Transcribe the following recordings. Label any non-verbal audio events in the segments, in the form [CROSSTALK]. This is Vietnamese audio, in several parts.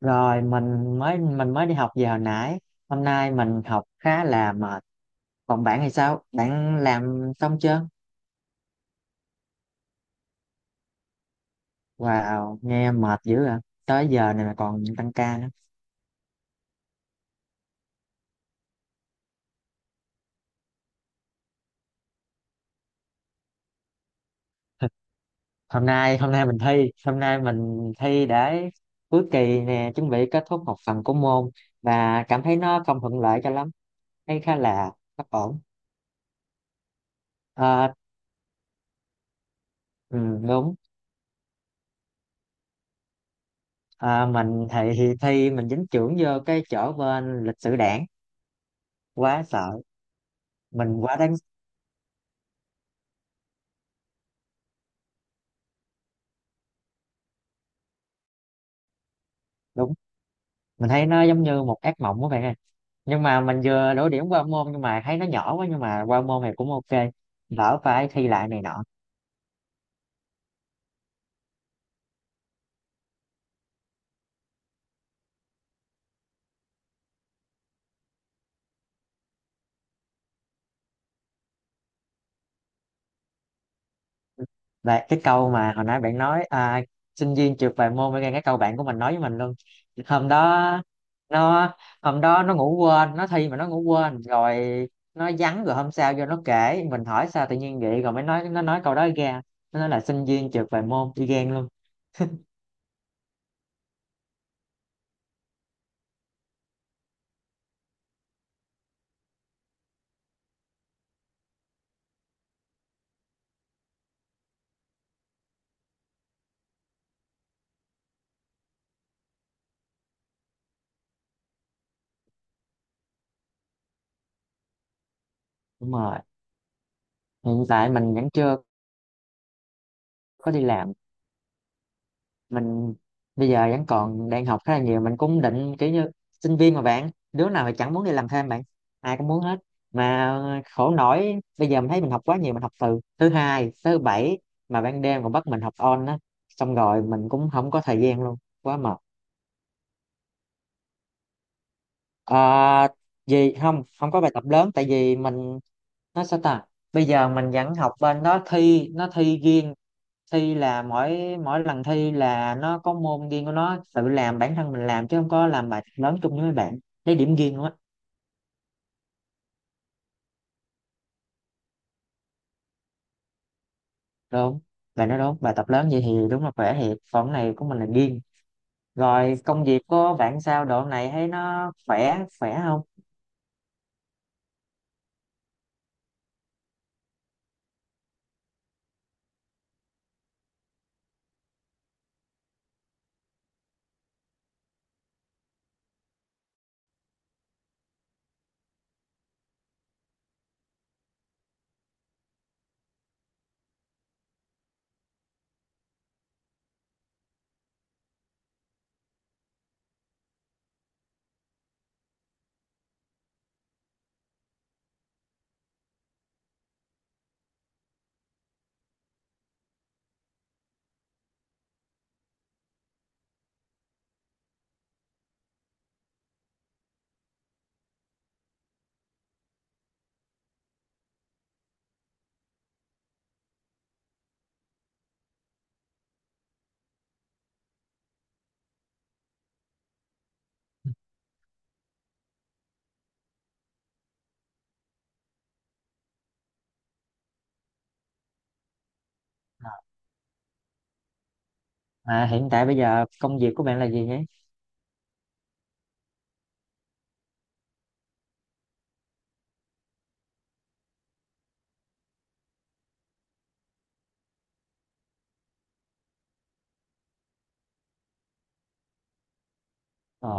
Rồi, mình mới đi học về hồi nãy. Hôm nay mình học khá là mệt. Còn bạn thì sao? Bạn làm xong chưa? Wow, nghe mệt dữ à. Tới giờ này mà còn tăng ca nữa. Hôm nay mình thi để cuối kỳ nè, chuẩn bị kết thúc một phần của môn, và cảm thấy nó không thuận lợi cho lắm. Thấy khá là bất ổn. Ờ, ừ, đúng. Ờ, mình thì thi, mình dính chưởng vô cái chỗ bên lịch sử đảng, quá sợ. Mình quá đáng. Đúng, mình thấy nó giống như một ác mộng của bạn ơi. Nhưng mà mình vừa đổ điểm qua môn, nhưng mà thấy nó nhỏ quá, nhưng mà qua môn này cũng ok, đỡ phải thi lại này nọ. Và cái câu mà hồi nãy bạn nói à, sinh viên trượt vài môn, với cái câu bạn của mình nói với mình luôn hôm đó. Nó hôm đó nó ngủ quên, nó thi mà nó ngủ quên rồi nó vắng, rồi hôm sau vô nó kể, mình hỏi sao tự nhiên vậy, rồi mới nói, nó nói câu đó ra. Nó nói là sinh viên trượt vài môn đi ghen luôn. Đúng rồi, hiện tại mình vẫn chưa có đi làm. Mình bây giờ vẫn còn đang học khá là nhiều, mình cũng định kiểu như, sinh viên mà bạn, đứa nào thì chẳng muốn đi làm thêm bạn, ai cũng muốn hết. Mà khổ nổi bây giờ mình thấy mình học quá nhiều, mình học từ thứ hai tới thứ bảy, mà ban đêm còn bắt mình học on á, xong rồi mình cũng không có thời gian luôn, quá mệt. Ờ, gì không, không có bài tập lớn tại vì mình, nó sao ta, bây giờ mình vẫn học bên đó, thi nó thi riêng. Thi là mỗi mỗi lần thi là nó có môn riêng của nó, tự làm bản thân mình làm chứ không có làm bài tập lớn chung với mấy bạn, lấy điểm riêng luôn á. Đúng, bạn nói đúng, bài tập lớn vậy thì đúng là khỏe thiệt, còn cái này của mình là riêng. Rồi công việc của bạn sao, độ này thấy nó khỏe khỏe không? À, hiện tại bây giờ công việc của bạn là gì nhé? Ồ.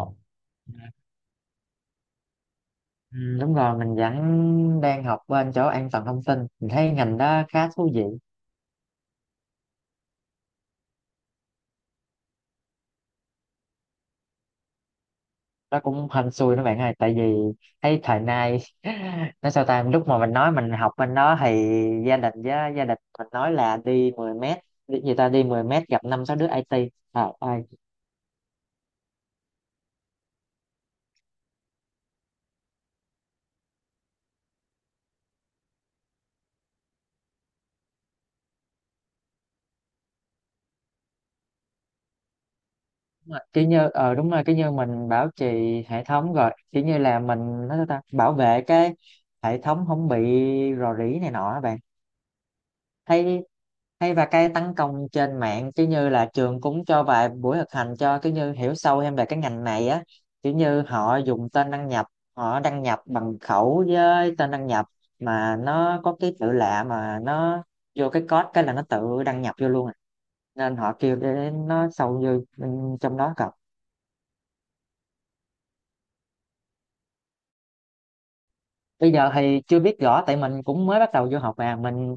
Ừ, đúng rồi, mình vẫn đang học bên chỗ an toàn thông tin, mình thấy ngành đó khá thú vị. Nó cũng hên xui đó bạn ơi, tại vì thấy thời nay [LAUGHS] nó sao ta, lúc mà mình nói mình học bên đó thì gia đình, với gia đình mình nói là đi 10 mét, đi người ta đi 10 mét gặp năm sáu đứa IT à, ai. Đúng rồi. Kiểu như đúng rồi, kiểu như mình bảo trì hệ thống, rồi kiểu như là mình, nó sao ta, bảo vệ cái hệ thống không bị rò rỉ này nọ á bạn. Thấy hay. Và cái tấn công trên mạng cứ như là trường cũng cho vài buổi thực hành cho, cứ như hiểu sâu thêm về cái ngành này á. Kiểu như họ dùng tên đăng nhập, họ đăng nhập bằng khẩu với tên đăng nhập, mà nó có cái tự lạ mà nó vô cái code cái là nó tự đăng nhập vô luôn à. Nên họ kêu để nó sâu vô bên trong đó cập. Bây giờ thì chưa biết rõ tại mình cũng mới bắt đầu vô học, mà mình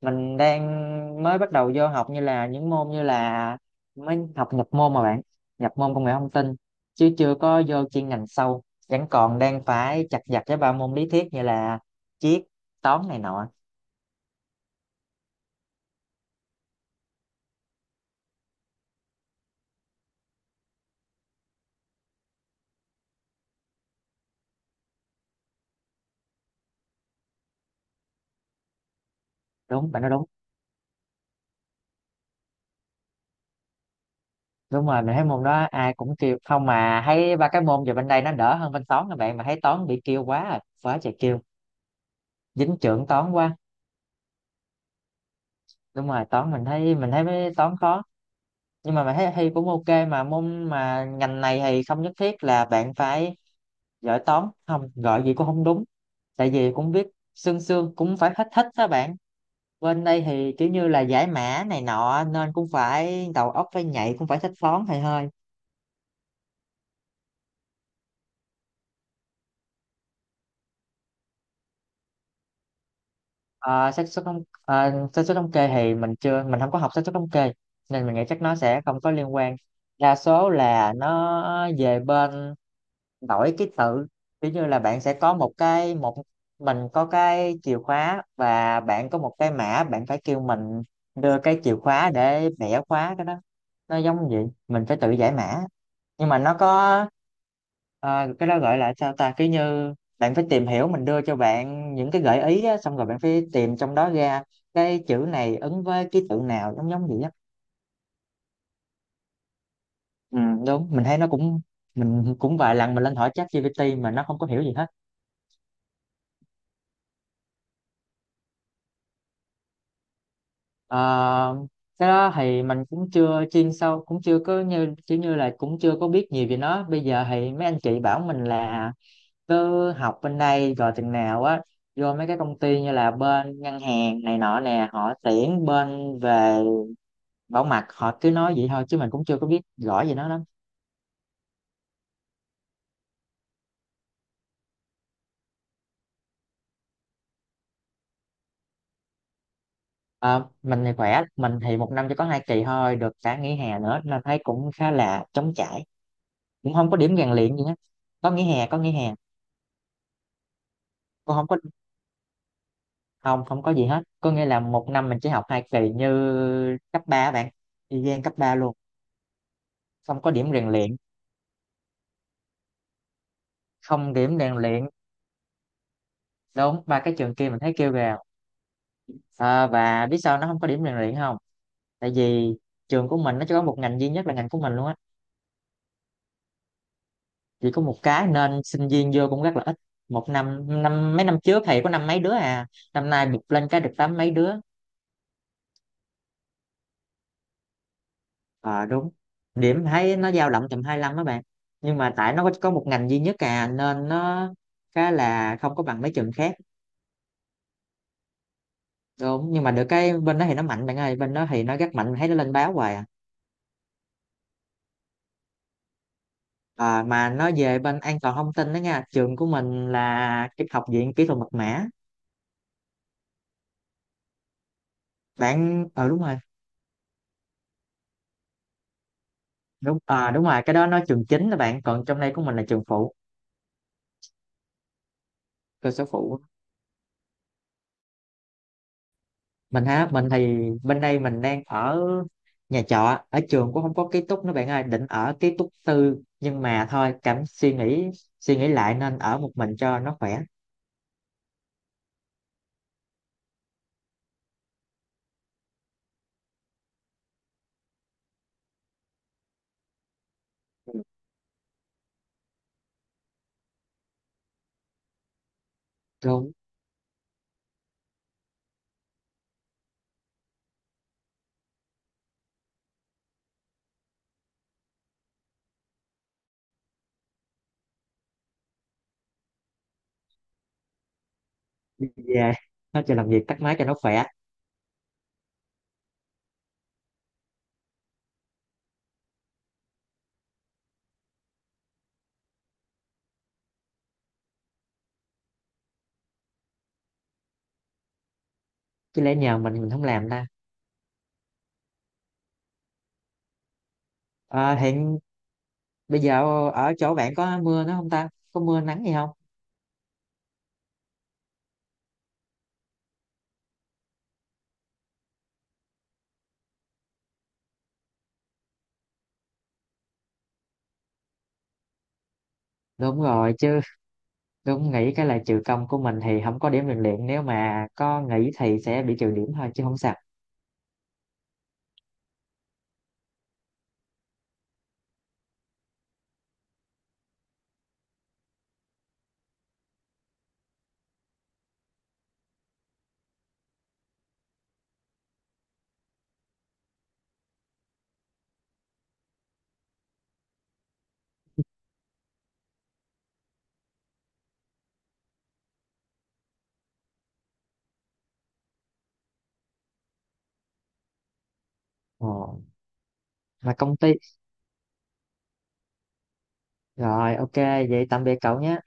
mình đang mới bắt đầu vô học như là những môn như là mới học nhập môn mà bạn, nhập môn công nghệ thông tin, chứ chưa có vô chuyên ngành sâu, vẫn còn đang phải chặt vặt với ba môn lý thuyết như là triết, toán này nọ. Đúng, bạn nói đúng. Đúng rồi, mình thấy môn đó ai cũng kêu, không mà thấy ba cái môn về bên đây nó đỡ hơn bên toán, các bạn mà thấy toán bị kêu quá à, quá trời kêu. Dính trưởng toán quá. Đúng rồi, toán mình thấy mấy toán khó. Nhưng mà mình thấy thi cũng ok, mà môn mà ngành này thì không nhất thiết là bạn phải giỏi toán, không gọi gì cũng không đúng, tại vì cũng viết sương sương cũng phải hết, thích đó bạn. Bên đây thì kiểu như là giải mã này nọ nên cũng phải đầu óc phải nhạy, cũng phải thích toán thầy hơi. Ờ, xác suất thống, xác suất thống kê thì mình chưa, mình không có học xác suất thống kê, nên mình nghĩ chắc nó sẽ không có liên quan. Đa số là nó về bên đổi ký tự. Ví như là bạn sẽ có một cái, một, mình có cái chìa khóa và bạn có một cái mã, bạn phải kêu mình đưa cái chìa khóa để bẻ khóa cái đó. Nó giống vậy, mình phải tự giải mã. Nhưng mà nó có, cái đó gọi là sao ta, cứ như bạn phải tìm hiểu, mình đưa cho bạn những cái gợi ý á, xong rồi bạn phải tìm trong đó ra cái chữ này ứng với ký tự nào, giống giống vậy á. Ừ, đúng, mình thấy nó cũng, mình cũng vài lần mình lên hỏi ChatGPT mà nó không có hiểu gì hết. Ờ, cái đó thì mình cũng chưa chuyên sâu, cũng chưa có như kiểu như là cũng chưa có biết nhiều về nó. Bây giờ thì mấy anh chị bảo mình là cứ học bên đây rồi chừng nào á vô mấy cái công ty như là bên ngân hàng này nọ nè, họ tuyển bên về bảo mật, họ cứ nói vậy thôi chứ mình cũng chưa có biết rõ về nó lắm. Ờ, mình thì khỏe, mình thì một năm chỉ có hai kỳ thôi, được cả nghỉ hè nữa nên thấy cũng khá là trống trải, cũng không có điểm rèn luyện gì hết. Có nghỉ hè, có nghỉ hè. Cũng không có. Không, không có gì hết, có nghĩa là một năm mình chỉ học hai kỳ như cấp 3 bạn, y gian cấp 3 luôn. Không có điểm rèn luyện, không điểm rèn luyện. Đúng, ba cái trường kia mình thấy kêu gào. À, và biết sao nó không có điểm rèn luyện không? Tại vì trường của mình nó chỉ có một ngành duy nhất là ngành của mình luôn á, chỉ có một cái nên sinh viên vô cũng rất là ít. Một năm, năm mấy năm trước thì có năm mấy đứa à, năm nay bụt lên cái được tám mấy đứa. Ờ đúng, điểm thấy nó dao động tầm 25 đó bạn, nhưng mà tại nó có một ngành duy nhất à nên nó khá là không có bằng mấy trường khác. Đúng, nhưng mà được cái bên đó thì nó mạnh bạn ơi, bên đó thì nó rất mạnh, thấy nó lên báo hoài à. Ờ, mà nó về bên an toàn thông tin đó nha, trường của mình là cái Học viện Kỹ thuật Mật mã. Bạn, ờ đúng rồi. Đúng, ờ đúng rồi, cái đó nó trường chính đó bạn, còn trong đây của mình là trường phụ, cơ sở phụ. Mình hả, mình thì bên đây mình đang ở nhà trọ, ở trường cũng không có ký túc nữa bạn ơi, định ở ký túc tư nhưng mà thôi, cảm suy nghĩ lại nên ở một mình cho nó khỏe. Đúng, đi về, nó cho làm việc tắt máy cho nó khỏe, chứ lẽ nhờ mình không làm ta. Ờ, hiện bây giờ ở chỗ bạn có mưa nữa không ta, có mưa nắng gì không? Đúng rồi, chứ đúng, nghĩ cái là trừ công của mình thì không có điểm rèn luyện, nếu mà có nghỉ thì sẽ bị trừ điểm thôi chứ không sao. Ờ, mà công ty. Rồi, ok, vậy tạm biệt cậu nhé.